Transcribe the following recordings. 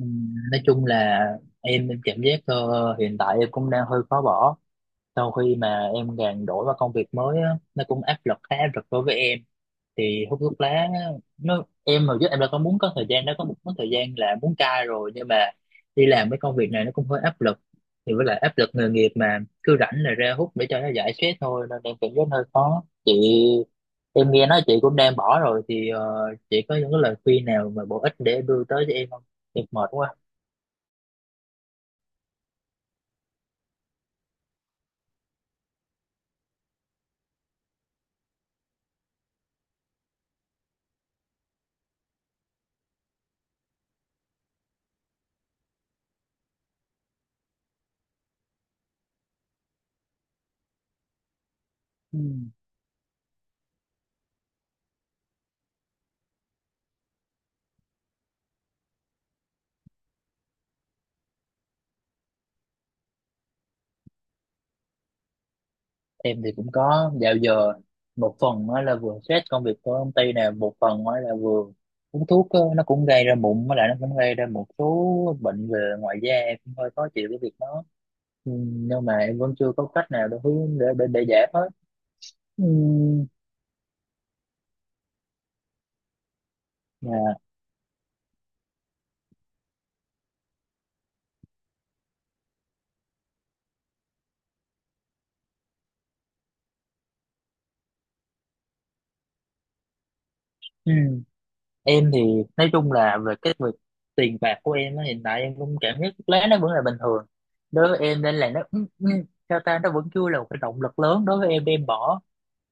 Nói chung là em cảm giác, hiện tại em cũng đang hơi khó bỏ sau khi mà em gàn đổi vào công việc mới á, nó cũng áp lực, khá áp lực đối với em. Thì hút thuốc lá á, em hồi trước em đã có muốn có thời gian đó, có thời gian là muốn cai rồi, nhưng mà đi làm cái công việc này nó cũng hơi áp lực. Thì với lại áp lực nghề nghiệp mà cứ rảnh là ra hút để cho nó giải stress thôi, nên em cảm giác hơi khó, chị. Em nghe nói chị cũng đang bỏ rồi thì, chị có những cái lời khuyên nào mà bổ ích để đưa tới cho em không? Em mệt quá. Ừ. Em thì cũng có dạo giờ, một phần á là vừa stress công việc của công ty nè, một phần á là vừa uống thuốc á, nó cũng gây ra mụn, với lại nó cũng gây ra một số bệnh về ngoài da, em cũng hơi khó chịu cái việc đó. Ừ, nhưng mà em vẫn chưa có cách nào để hướng để giải hết. Ừ, dạ. Ừ. Em thì nói chung là về cái việc tiền bạc của em á, hiện tại em cũng cảm thấy thuốc lá nó vẫn là bình thường đối với em, nên là nó, sao ta, nó vẫn chưa là một cái động lực lớn đối với em để em bỏ.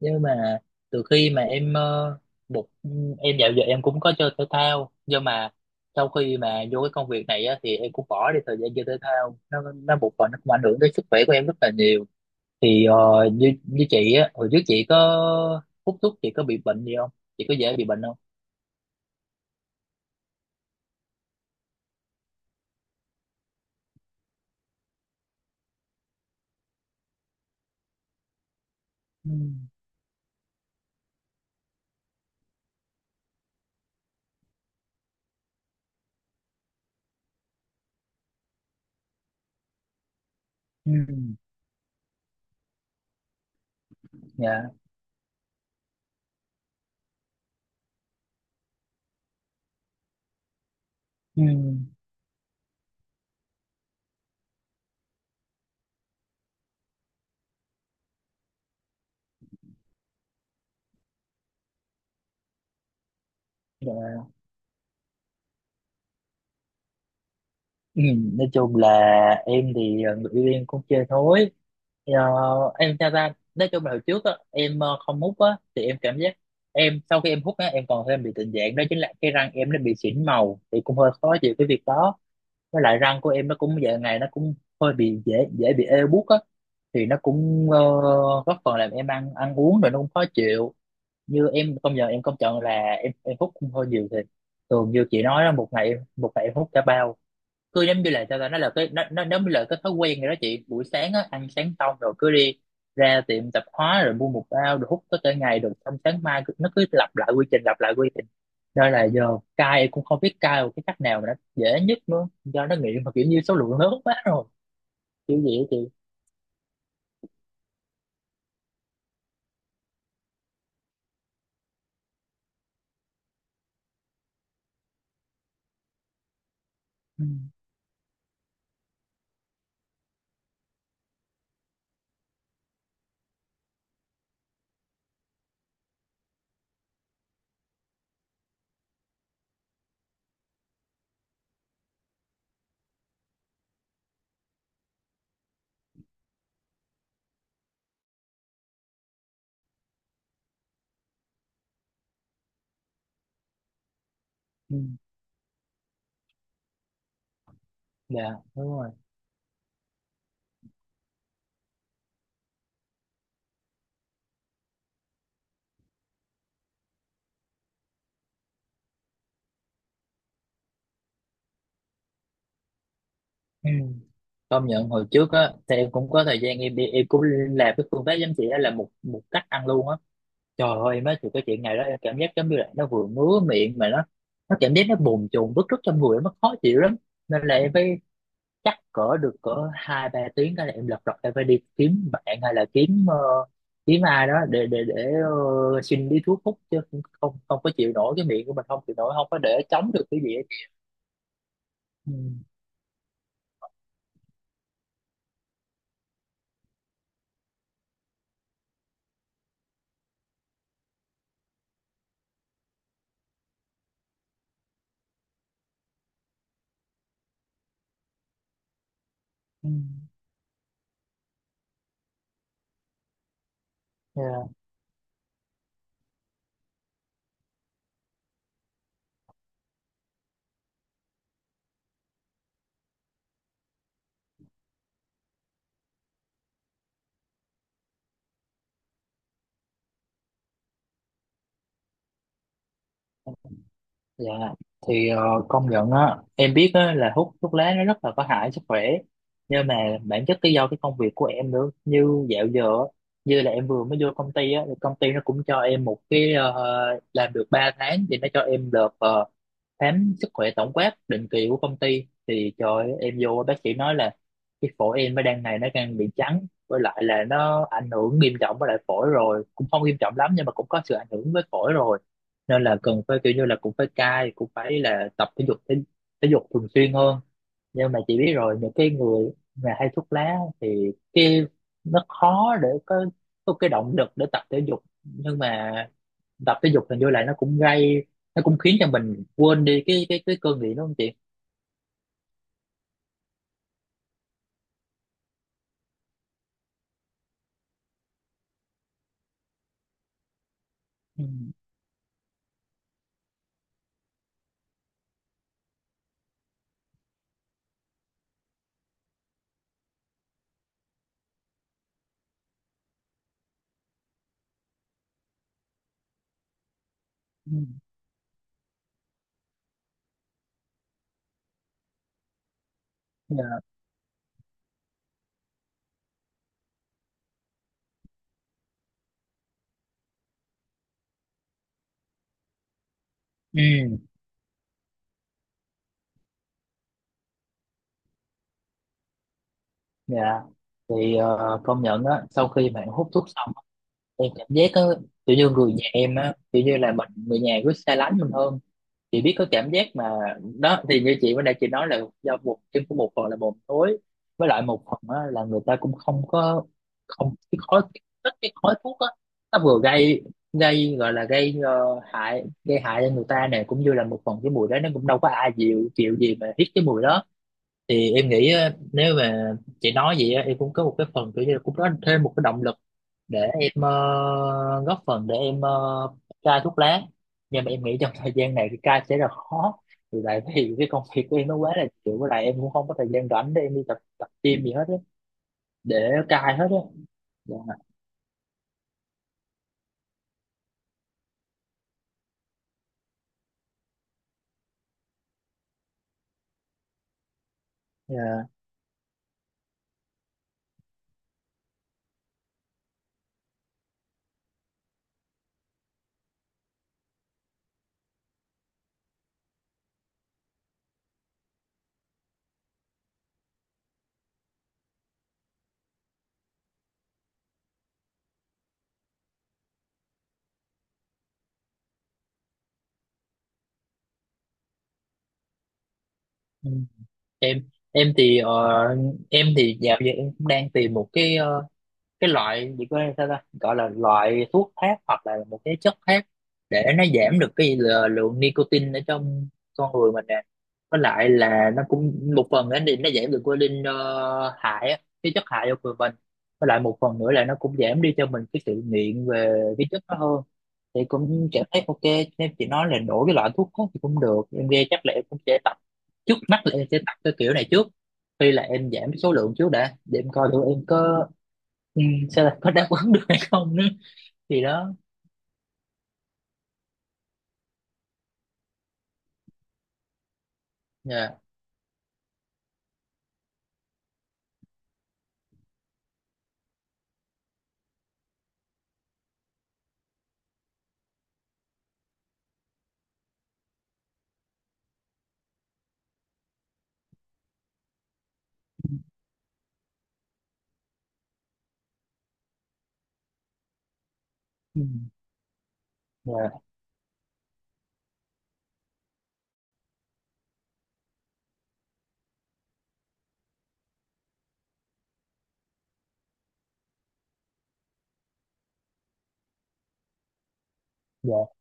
Nhưng mà từ khi mà em, một em dạo giờ em cũng có chơi thể thao, nhưng mà sau khi mà vô cái công việc này á, thì em cũng bỏ đi thời gian chơi thể thao, nó một phần nó cũng ảnh hưởng tới sức khỏe của em rất là nhiều. Thì, như như chị á, hồi trước chị có hút thuốc, chị có bị bệnh gì không? Chị có dễ bị bệnh không? Ừ. Ừ. Dạ. Ừ. Dạ. Ừ. Nói chung là em thì, người yêu em cũng chơi thôi. Thì, em theo ra, nói chung là hồi trước á, em, không hút á, thì em cảm giác em sau khi em hút á, em còn thêm bị tình trạng đó chính là cái răng em nó bị xỉn màu, thì cũng hơi khó chịu cái việc đó. Với lại răng của em nó cũng giờ ngày nó cũng hơi bị dễ dễ bị ê buốt á, thì nó cũng, góp phần làm em ăn ăn uống rồi nó cũng khó chịu. Như em công nhận, em công nhận là em hút cũng hơi nhiều. Thì thường như chị nói đó, một ngày em hút cả bao. Cứ giống như là, sao ta, nó là cái nó giống như là cái thói quen rồi đó chị. Buổi sáng á, ăn sáng xong rồi cứ đi ra tiệm tạp hóa rồi mua một bao rồi hút có cả ngày, rồi xong sáng mai nó cứ lặp lại quy trình, lặp lại quy trình. Nên là giờ cai cũng không biết cai một cái cách nào mà nó dễ nhất nữa, do nó nghiện mà kiểu như số lượng lớn quá rồi, kiểu gì á chị. Ừ. Ừ. Dạ. Đúng rồi. Ừ. Công nhận hồi trước á, thì em cũng có thời gian em đi, em cũng làm cái phương pháp giống chị, đó là một một cách ăn luôn á. Trời ơi, em nói thì cái chuyện này đó, em cảm giác giống như là nó vừa ngứa miệng mà nó cảm giác nó bồn chồn bứt rứt trong người, nó khó chịu lắm. Nên là em phải, chắc cỡ được cỡ hai ba tiếng cái là em lật đật em phải đi kiếm bạn hay là kiếm, kiếm ai đó để xin đi thuốc hút, chứ không, không có chịu nổi, cái miệng của mình không chịu nổi, không có để chống được cái gì hết. Ừ. Ừ. Yeah. Dạ, thì, công nhận á, em biết á là hút thuốc lá nó rất là có hại sức khỏe. Nhưng mà bản chất cái do cái công việc của em nữa, như dạo giờ á, như là em vừa mới vô công ty á, thì công ty nó cũng cho em một cái, làm được 3 tháng thì nó cho em được, khám sức khỏe tổng quát định kỳ của công ty. Thì trời ơi, em vô bác sĩ nói là cái phổi em nó đang này nó đang bị trắng, với lại là nó ảnh hưởng nghiêm trọng với lại phổi rồi, cũng không nghiêm trọng lắm nhưng mà cũng có sự ảnh hưởng với phổi rồi, nên là cần phải kiểu như là cũng phải cai, cũng phải là tập thể dục thể, thể dục thường xuyên hơn. Nhưng mà chị biết rồi, những cái người mà hay thuốc lá thì cái nó khó để có cái động lực để tập thể dục. Nhưng mà tập thể dục hình như là nó cũng gây, nó cũng khiến cho mình quên đi cái cái cơn nghiện, đúng không chị? Ừ. Ừ. Dạ. Ừ. Dạ. Thì, công nhận á, sau khi mà em hút thuốc xong á, em cảm giác á, kiểu như người nhà em á, kiểu như là mình người nhà cứ xa lánh mình hơn, chị biết có cảm giác mà. Đó thì như chị bữa nay chị nói là do một trên của một phần là mồm thối, với lại một phần á, là người ta cũng không có, không cái khói, cái khói thuốc á, nó vừa gây gây gọi là gây, hại, gây hại cho người ta này, cũng như là một phần cái mùi đó nó cũng đâu có ai chịu chịu gì mà hít cái mùi đó. Thì em nghĩ á, nếu mà chị nói vậy á, em cũng có một cái phần kiểu như là cũng có thêm một cái động lực để em, góp phần để em, cai thuốc lá. Nhưng mà em nghĩ trong thời gian này thì cai sẽ rất khó, vì tại vì cái công việc của em nó quá là chịu, với lại em cũng không có thời gian rảnh để em đi tập tập gym gì hết á, để cai hết á. Dạ. Dạ. Ừ. Em thì, em thì dạo giờ em cũng đang tìm một cái, cái loại gì có sao ta gọi là loại thuốc khác hoặc là một cái chất khác, để nó giảm được cái lượng nicotine ở trong con người mình nè, với lại là nó cũng một phần nữa thì nó giảm được cái linh, hại á, cái chất hại cho người mình, với lại một phần nữa là nó cũng giảm đi cho mình cái sự nghiện về cái chất đó hơn, thì cũng cảm thấy ok. Nên chị nói là đổi cái loại thuốc đó thì cũng được, em nghe chắc là em cũng sẽ tập, trước mắt là em sẽ tập cái kiểu này trước, khi là em giảm số lượng trước đã, để em coi thử em có, ừ, xem là có đáp ứng được hay không nữa, thì đó. Dạ. Ừ, dạ. Dạ.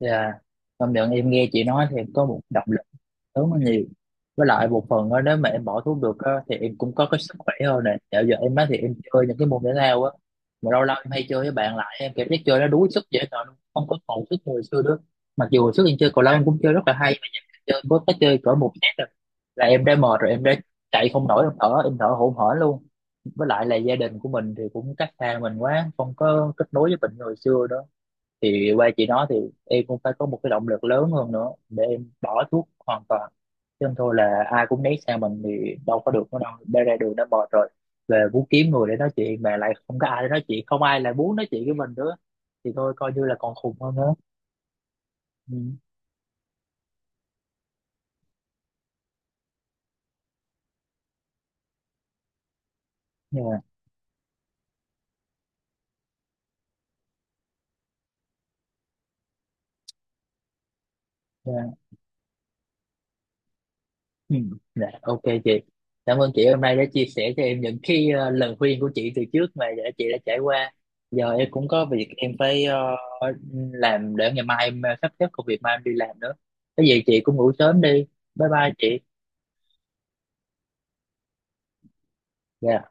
Dạ. Công nhận em nghe chị nói thì có một động lực, tốn nó nhiều, với lại một phần á, nếu mà em bỏ thuốc được á thì em cũng có cái sức khỏe hơn nè. Dạo giờ em á thì em chơi những cái môn thể thao á, mà lâu lâu em hay chơi với bạn lại, em cảm giác chơi nó đuối sức dễ sợ luôn, không có còn sức như hồi xưa nữa. Mặc dù hồi trước em chơi cầu lông cũng chơi rất là hay, mà giờ em chơi có cái chơi cỡ một set rồi là em đã mệt rồi, em đã chạy không nổi, em thở hổn hển luôn. Với lại là gia đình của mình thì cũng cách xa mình quá, không có kết nối với mình như hồi xưa đó. Thì qua chị nói thì em cũng phải có một cái động lực lớn hơn nữa để em bỏ thuốc hoàn toàn, chứ không thôi là ai cũng né sang mình thì đâu có được nữa. Đâu đây ra đường đã mệt rồi, về muốn kiếm người để nói chuyện mà lại không có ai để nói chuyện, không ai lại muốn nói chuyện với mình nữa, thì thôi coi như là còn khùng hơn nữa. Ừ. Dạ. Dạ. Ừ. Dạ, ok chị, cảm ơn chị hôm nay đã chia sẻ cho em những cái, lời khuyên của chị từ trước mà đã chị đã trải qua. Giờ em cũng có việc em phải, làm để ngày mai em, sắp xếp công việc mai em đi làm nữa. Cái gì chị cũng ngủ sớm đi. Bye bye chị. Dạ.